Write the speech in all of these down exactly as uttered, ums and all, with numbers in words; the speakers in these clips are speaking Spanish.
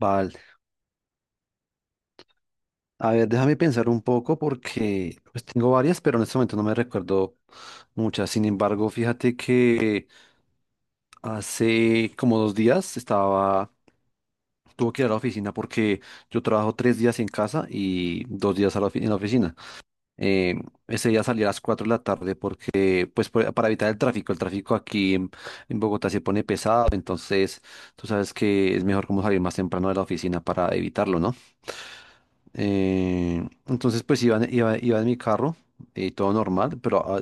Vale. A ver, déjame pensar un poco porque pues, tengo varias, pero en este momento no me recuerdo muchas. Sin embargo, fíjate que hace como dos días estaba, tuve que ir a la oficina porque yo trabajo tres días en casa y dos días a la ofi- en la oficina. Eh, ese día salí a las cuatro de la tarde porque, pues, por- para evitar el tráfico. El tráfico aquí en, en Bogotá se pone pesado, entonces tú sabes que es mejor como salir más temprano de la oficina para evitarlo, ¿no? Eh, entonces, pues iba, en- iba, iba en mi carro y todo normal, pero ah,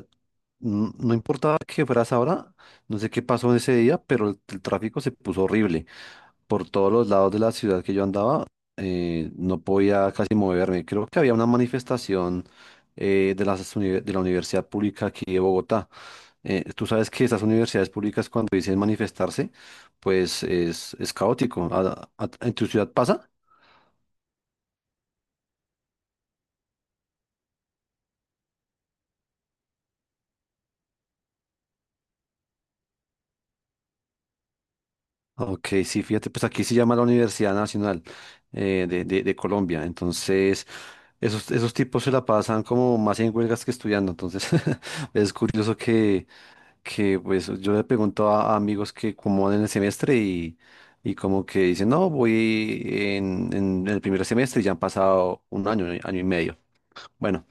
n- no importaba que fueras ahora, no sé qué pasó en ese día, pero el, el tráfico se puso horrible. Por todos los lados de la ciudad que yo andaba, eh, no podía casi moverme. Creo que había una manifestación eh, de las uni- de la Universidad Pública aquí de Bogotá. Eh, tú sabes que esas universidades públicas cuando dicen manifestarse, pues es, es caótico. ¿A- a- ¿En tu ciudad pasa? Ok, sí, fíjate, pues aquí se llama la Universidad Nacional eh, de, de- de Colombia. Entonces, esos, esos tipos se la pasan como más en huelgas que estudiando. Entonces, es curioso que, que pues yo le pregunto a, a amigos que cómo van en el semestre y, y como que dicen, no, voy en, en el primer semestre y ya han pasado un año, año y medio. Bueno,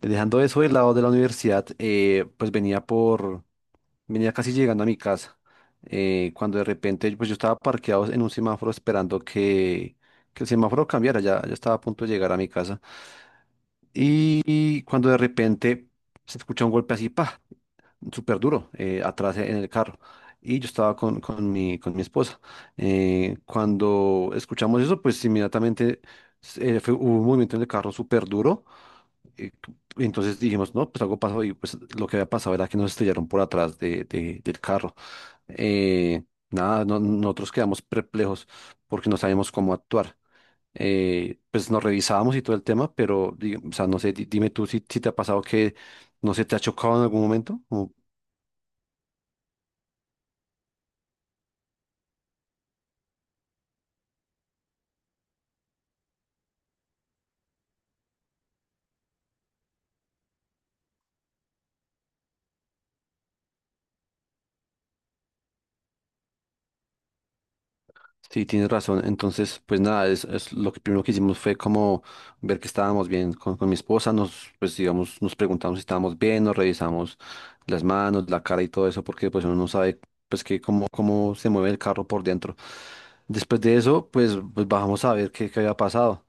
dejando eso del lado de la universidad, eh, pues venía por... Venía casi llegando a mi casa, eh, cuando de repente pues yo estaba parqueado en un semáforo esperando que, que el semáforo cambiara, ya, ya estaba a punto de llegar a mi casa. Y cuando de repente se escucha un golpe así, pa, súper duro, eh, atrás en el carro. Y yo estaba con, con mi, con mi esposa. Eh, cuando escuchamos eso, pues inmediatamente, eh, fue, hubo un movimiento en el carro súper duro. eh, Entonces dijimos, no, pues algo pasó y pues lo que había pasado era que nos estrellaron por atrás de, de- del carro. eh, Nada, no- nosotros quedamos perplejos porque no sabíamos cómo actuar. Eh, pues nos revisábamos y todo el tema, pero, di- o sea, no sé, di- dime tú si, si te ha pasado que, no sé, te ha chocado en algún momento. Sí, tienes razón. Entonces, pues nada, es, es lo que primero que hicimos fue como ver que estábamos bien con, con mi esposa, nos, pues digamos, nos preguntamos si estábamos bien, nos revisamos las manos, la cara y todo eso, porque pues uno no sabe pues que cómo, cómo se mueve el carro por dentro. Después de eso, pues, pues, bajamos a ver qué, qué había pasado.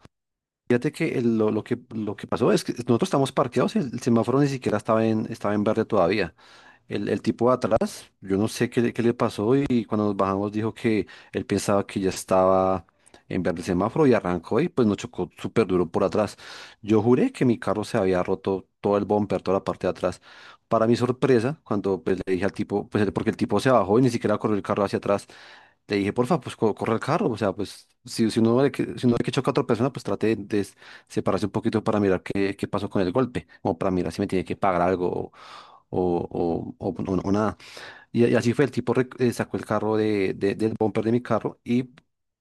Fíjate que el- lo, lo que, lo que pasó es que nosotros estamos parqueados y el semáforo ni siquiera estaba en, estaba en verde todavía. El, el tipo de atrás, yo no sé qué, le- qué le pasó y cuando nos bajamos dijo que él pensaba que ya estaba en verde el semáforo y arrancó y pues nos chocó súper duro por atrás. Yo juré que mi carro se había roto todo el bumper, toda la parte de atrás. Para mi sorpresa, cuando pues, le dije al tipo, pues el- porque el tipo se bajó y ni siquiera corrió el carro hacia atrás, le dije, porfa, pues co- corre el carro. O sea, pues si, si uno ve que, si uno ve que choca a otra persona, pues trate de, de separarse un poquito para mirar qué, qué pasó con el golpe. O para mirar si me tiene que pagar algo o, o, o, o- o- o nada. Y, y así fue, el tipo rec- eh, sacó el carro de, de- del bumper de mi carro y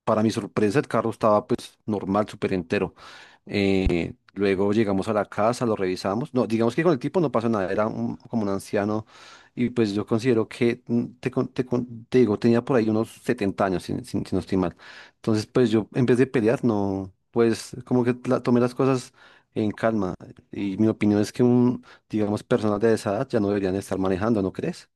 para mi sorpresa el carro estaba pues normal, súper entero. Luego llegamos a la casa, lo revisamos. No, digamos que con el tipo no pasó nada, era un- como un anciano y pues yo considero que, mm, te, con- te, con- te digo, tenía por ahí unos setenta años, si, si- si no estoy mal. Entonces, pues yo en vez de pelear, no, pues como que la- tomé las cosas en calma y mi opinión es que un, digamos, personas de esa edad ya no deberían estar manejando, ¿no crees?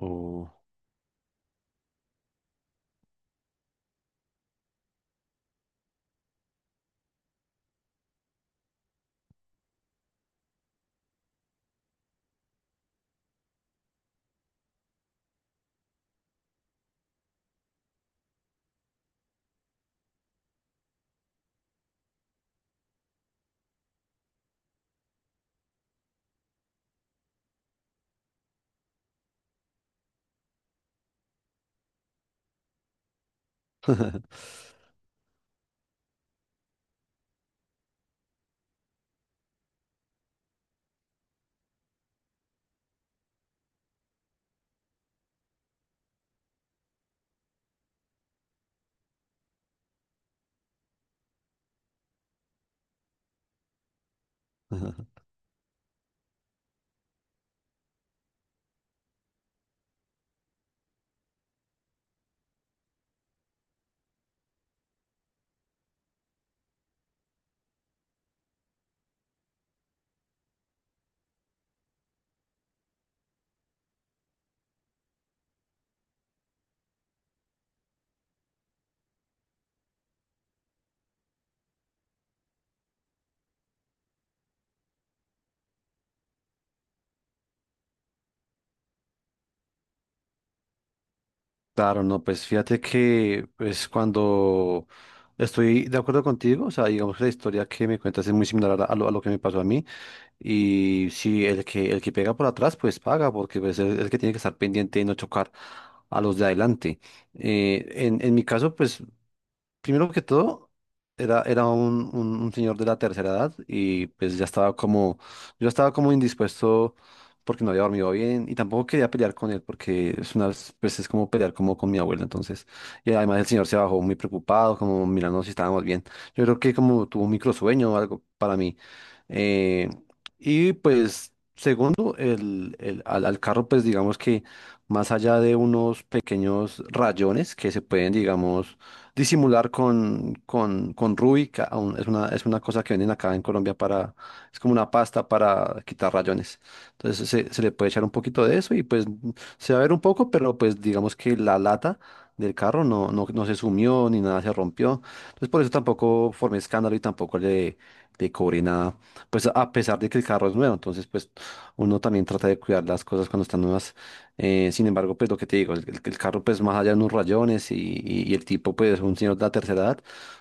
O... Claro, no, pues fíjate que pues cuando estoy de acuerdo contigo, o sea, digamos que la historia que me cuentas es muy similar a, a lo, a lo que me pasó a mí y si el que el que pega por atrás pues paga porque pues es el que tiene que estar pendiente y no chocar a los de adelante. Eh, en, en mi caso, pues primero que todo, era, era un, un- un señor de la tercera edad y pues ya estaba como, yo estaba como indispuesto porque no había dormido bien y tampoco quería pelear con él porque es una pues es como pelear como con mi abuela. Entonces, y además el señor se bajó muy preocupado, como mirando si estábamos bien. Yo creo que como tuvo un microsueño o algo para mí. Eh, y pues, segundo, el, el- al, al carro, pues digamos que más allá de unos pequeños rayones que se pueden, digamos, disimular con, con, con Ruby, que aún es una, es una cosa que venden acá en Colombia para, es como una pasta para quitar rayones. Entonces se, se le puede echar un poquito de eso y pues se va a ver un poco, pero pues digamos que la lata del carro no, no, no se sumió ni nada se rompió. Entonces por eso tampoco formé escándalo y tampoco le, le cobré nada, pues a pesar de que el carro es nuevo. Entonces pues uno también trata de cuidar las cosas cuando están nuevas. Eh, sin embargo, pues lo que te digo, el, el- el carro pues más allá de unos rayones, y, y- y el tipo pues un señor de la tercera edad,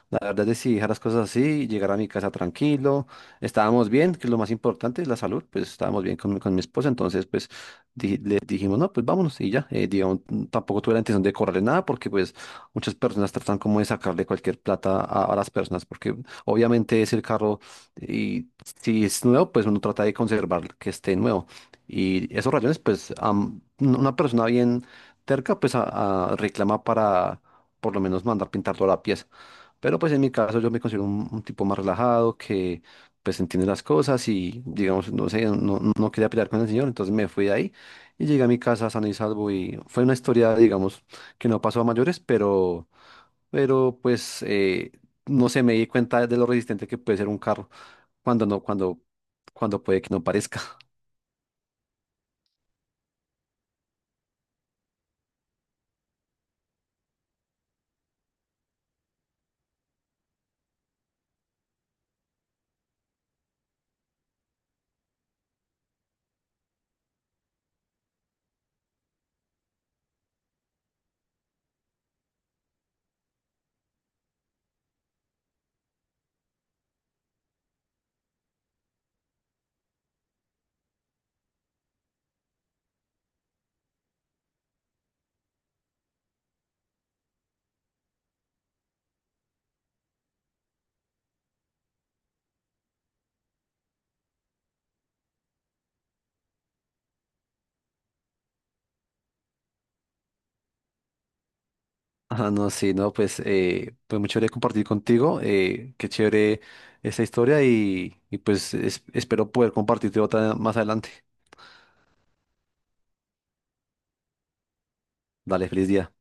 la verdad es que si dejar las cosas así, llegar a mi casa tranquilo, estábamos bien, que es lo más importante, la salud, pues estábamos bien con, mi con mi esposa, entonces pues di- le dijimos, no, pues vámonos y ya, eh, digamos, mm, tampoco tuve la intención de correrle nada porque pues muchas personas tratan como de sacarle cualquier plata a, a las personas porque obviamente es el carro y si es nuevo, pues uno trata de conservar que esté nuevo. Y esos rayones, pues, am- una persona bien terca, pues, a- a- reclama para por lo menos mandar pintar toda la pieza. Pero, pues, en mi caso, yo me considero un, un tipo más relajado, que, pues, entiende las cosas y, digamos, no sé, no, no quería pelear con el señor, entonces me fui de ahí y llegué a mi casa sano y salvo y fue una historia, digamos, que no pasó a mayores, pero, pero, pues, eh, no sé, me di cuenta de lo resistente que puede ser un carro cuando no, cuando, cuando puede que no parezca. Ah, no, sí, no, pues, eh, pues muy chévere compartir contigo, eh, qué chévere esta historia y, y pues es- espero poder compartirte otra más adelante. Dale, feliz día.